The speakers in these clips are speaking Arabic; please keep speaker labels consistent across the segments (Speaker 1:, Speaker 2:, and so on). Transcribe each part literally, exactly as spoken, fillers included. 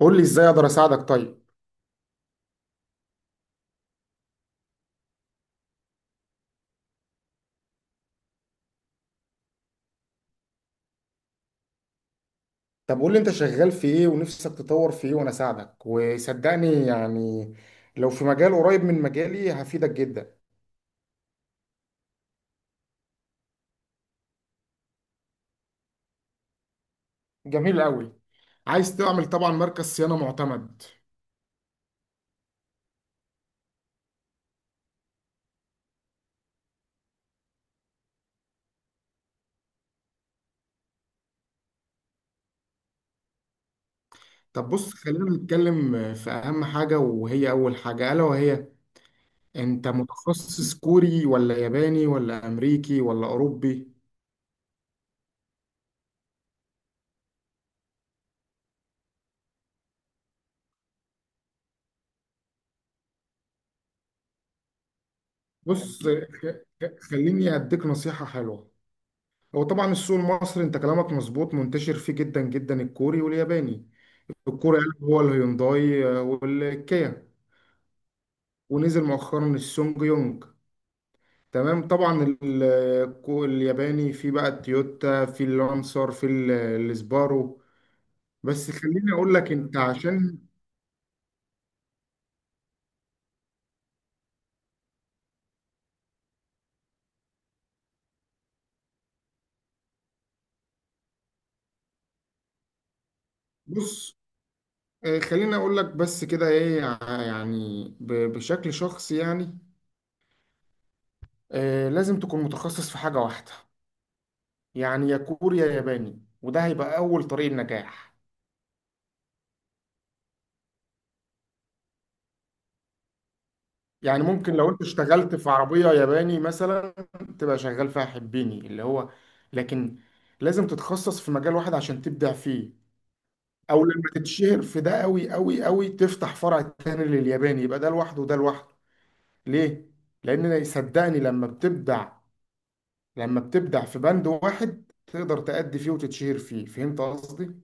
Speaker 1: قول لي ازاي اقدر اساعدك طيب. طب قول لي انت شغال في ايه ونفسك تطور في ايه وانا اساعدك وصدقني يعني لو في مجال قريب من مجالي هفيدك جدا. جميل قوي. عايز تعمل طبعا مركز صيانة معتمد. طب بص خلينا نتكلم في اهم حاجة وهي اول حاجة الا وهي انت متخصص كوري ولا ياباني ولا امريكي ولا اوروبي؟ بص، خ- خ- خليني اديك نصيحة حلوة. هو طبعا السوق المصري انت كلامك مظبوط، منتشر فيه جدا جدا الكوري والياباني. الكوري قلب هو الهيونداي، آه، والكيا. ونزل مؤخرا السونج يونج. تمام، طبعا ال- الكو- الياباني في بقى التويوتا، في اللانسر، في ال- السبارو. بس خليني اقول لك انت عشان بص آه، خليني اقول لك بس كده ايه، ع- يعني ب- بشكل شخصي يعني آه، لازم تكون متخصص في حاجة واحدة. يعني يا كوري يا ياباني، وده هيبقى اول طريق النجاح. يعني ممكن لو انت اشتغلت في عربية ياباني مثلا، تبقى شغال فيها حبيني اللي هو، لكن لازم تتخصص في مجال واحد عشان تبدع فيه. او لما تتشهر في ده قوي قوي قوي، تفتح فرع تاني للياباني، يبقى ده لوحده وده لوحده. ليه؟ لان صدقني لما بتبدع لما بتبدع في بند واحد، تقدر تأدي فيه وتتشهر فيه. فهمت قصدي؟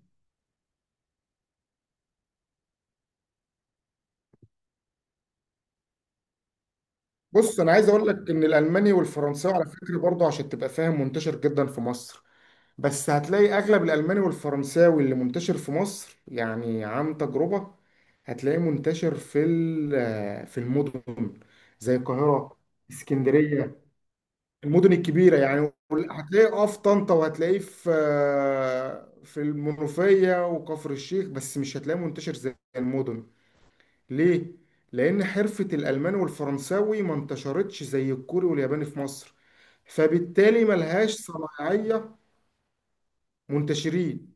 Speaker 1: بص، انا عايز اقول لك ان الالماني والفرنساوي على فكرة برضه، عشان تبقى فاهم، منتشر جدا في مصر. بس هتلاقي اغلب الالماني والفرنساوي اللي منتشر في مصر، يعني عن تجربة، هتلاقيه منتشر في ال- آه، في المدن زي القاهرة، اسكندرية، المدن الكبيرة يعني. هتلاقيه اه في طنطا، وهتلاقيه في آه، في المنوفية وكفر الشيخ، بس مش هتلاقيه منتشر زي المدن. ليه؟ لأن حرفة الألماني والفرنساوي ما انتشرتش زي الكوري والياباني في مصر، فبالتالي ملهاش صناعية منتشرين.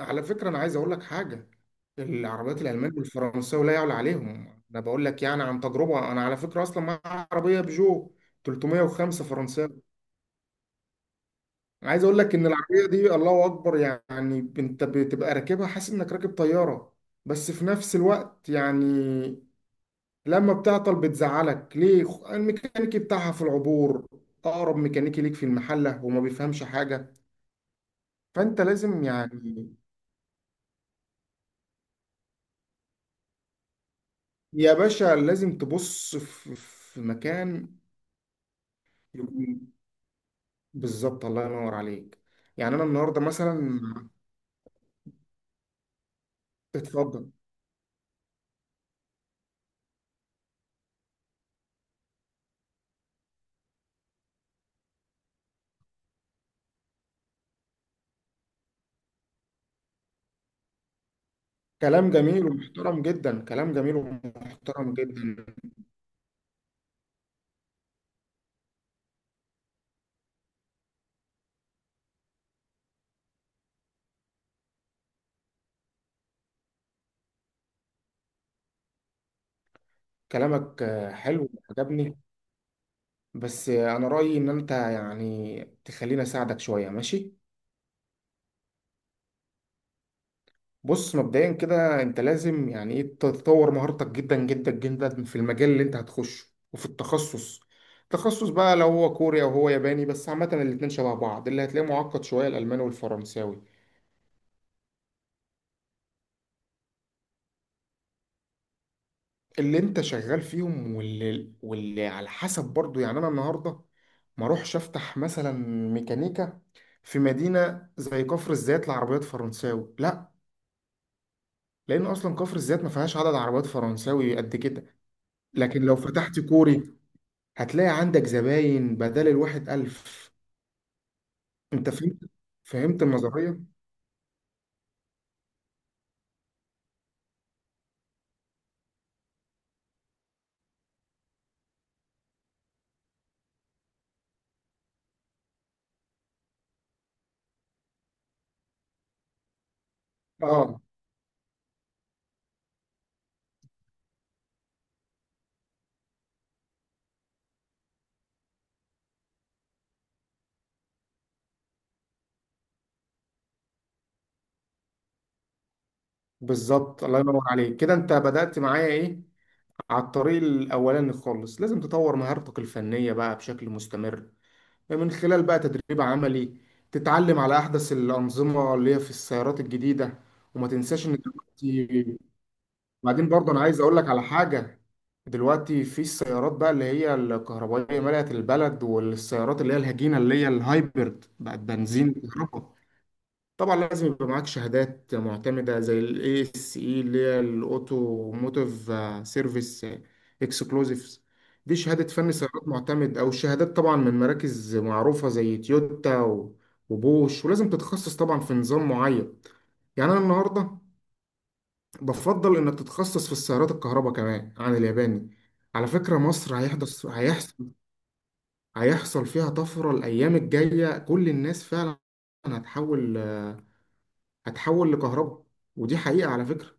Speaker 1: على فكرة أنا عايز أقول لك حاجة، العربيات الألمان والفرنساوي لا يعلى عليهم. أنا بقول لك يعني عن تجربة، أنا على فكرة أصلا معايا عربية بيجو تلت مية وخمسة فرنساوي. أنا عايز أقول لك إن العربية دي الله أكبر، يعني أنت بتبقى راكبها حاسس إنك راكب طيارة. بس في نفس الوقت يعني لما بتعطل بتزعلك، ليه؟ خ- الميكانيكي بتاعها في العبور، أقرب ميكانيكي ليك في المحلة، وما بيفهمش حاجة. فأنت لازم يعني، يا باشا لازم تبص في في مكان يكون- بالظبط، الله ينور عليك. يعني انا النهارده مثلا. اتفضل. كلام جميل ومحترم جدا، كلام جميل ومحترم جدا. كلامك آه، حلو وعجبني. بس آه، انا رايي ان انت يعني تخليني اساعدك شويه، ماشي. بص، مبدئيا كده انت لازم يعني ايه تطور مهارتك جدا جدا جدا في المجال اللي انت هتخشه، وفي التخصص تخصص بقى، لو هو كوري او هو ياباني. بس عامه الاتنين شبه بعض، اللي هتلاقيه معقد شويه الالماني والفرنساوي، اللي انت شغال فيهم. واللي, واللي على حسب برضو، يعني انا النهارده ما اروحش افتح مثلا ميكانيكا في مدينه زي كفر الزيات لعربيات فرنساوي، لا، لان اصلا كفر الزيات ما فيهاش عدد عربيات فرنساوي قد كده. لكن لو فتحت كوري، هتلاقي عندك زباين بدل الواحد الف. انت فهمت. فهمت النظريه. اه، بالظبط، الله ينور عليك كده، انت بدأت معايا ايه على الطريق الاولاني خالص. لازم تطور مهارتك الفنيه بقى بشكل مستمر، من خلال بقى تدريب عملي، تتعلم على أحدث الأنظمة اللي هي في السيارات الجديدة. وما تنساش إن دلوقتي، بعدين برضه أنا عايز أقول لك على حاجة، دلوقتي في السيارات بقى اللي هي الكهربائية ملأت البلد، والسيارات اللي هي الهجينة اللي هي الهايبرد بقت بنزين كهرباء. طبعا لازم يبقى معاك شهادات معتمدة زي ال إيه إس إي، اللي هي الأوتوموتيف سيرفيس اكسكلوزيفز، دي شهادة فني سيارات معتمد، أو شهادات طبعا من مراكز معروفة زي تويوتا و- وبوش. ولازم تتخصص طبعا في نظام معين. يعني أنا النهاردة بفضل إنك تتخصص في السيارات الكهرباء كمان عن الياباني. على فكرة مصر هيحدث هيحصل هيحصل فيها طفرة الأيام الجاية، كل الناس فعلا هتحول، هتحول لكهرباء. ودي حقيقة على فكرة.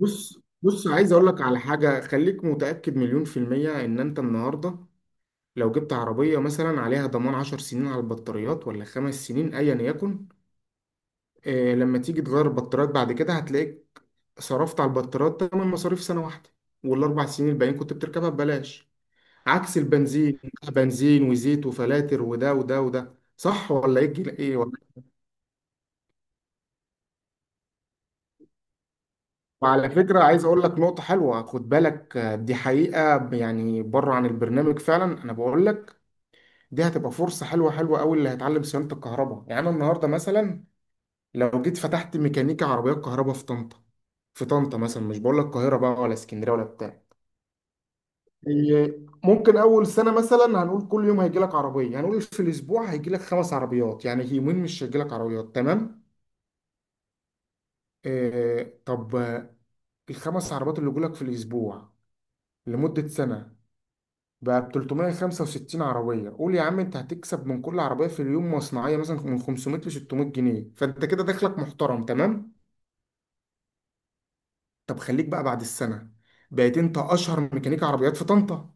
Speaker 1: بص بص، عايز اقول لك على حاجة، خليك متأكد مليون في المية ان انت النهاردة لو جبت عربية مثلا عليها ضمان عشر سنين على البطاريات، ولا خمس سنين، ايا يكن، آه لما تيجي تغير البطاريات بعد كده، هتلاقيك صرفت على البطاريات تمن مصاريف سنة واحدة، والاربع سنين الباقيين كنت بتركبها ببلاش، عكس البنزين. بنزين وزيت وفلاتر وده وده وده، صح ولا ايه الجن- إيه؟ وعلى فكرة عايز أقول لك نقطة حلوة، خد بالك آه، دي حقيقة يعني بره عن البرنامج، فعلا أنا بقول لك دي هتبقى فرصة حلوة حلوة أوي اللي هيتعلم صيانة الكهرباء. يعني أنا النهاردة مثلا لو جيت فتحت ميكانيكا عربيات كهرباء في طنطا. في طنطا مثلا، مش بقول لك القاهرة بقى ولا اسكندرية ولا بتاع، هي ممكن أول سنة مثلا، هنقول كل يوم هيجي لك عربية، هنقول في الأسبوع هيجي لك خمس عربيات، يعني يومين مش هيجي لك عربيات، تمام. آه، طب آه، الخمس عربيات اللي يجوا لك في الأسبوع لمدة سنة، بقى ب تلت مية وخمسة وستين عربية. قول يا عم، انت هتكسب من كل عربية في اليوم مصنعية مثلا من خمس مية ل ست مية جنيه، فانت كده دخلك محترم، تمام. طب خليك بقى بعد السنة، بقيت انت اشهر ميكانيكي عربيات في طنطا،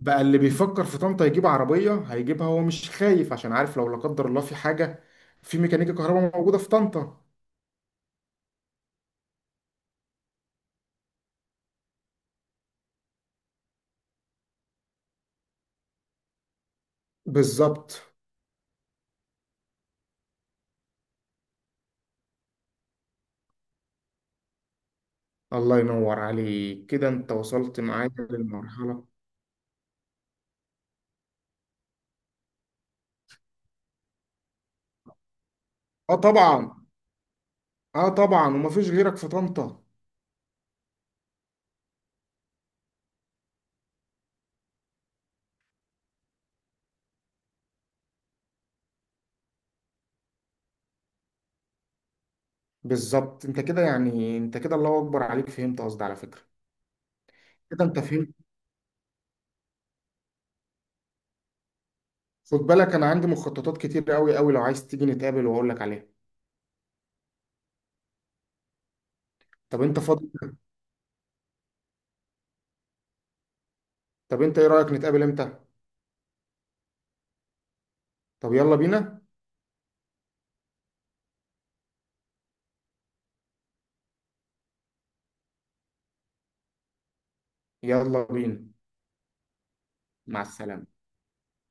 Speaker 1: بقى اللي بيفكر في طنطا يجيب عربية هيجيبها، هو مش خايف عشان عارف لو لا قدر الله في حاجة، في ميكانيكا كهرباء موجودة في طنطا. بالظبط، الله ينور عليك كده، انت وصلت معايا للمرحلة. اه طبعا. اه طبعا، ومفيش غيرك في طنطا. بالظبط، انت كده، يعني انت كده الله اكبر عليك، فهمت قصدي على فكره. كده انت فهمت. خد بالك انا عندي مخططات كتير قوي قوي، لو عايز تيجي نتقابل واقول لك عليها. طب انت فاضي؟ طب انت ايه رايك نتقابل امتى؟ طب يلا بينا. يلا بينا. مع السلامه.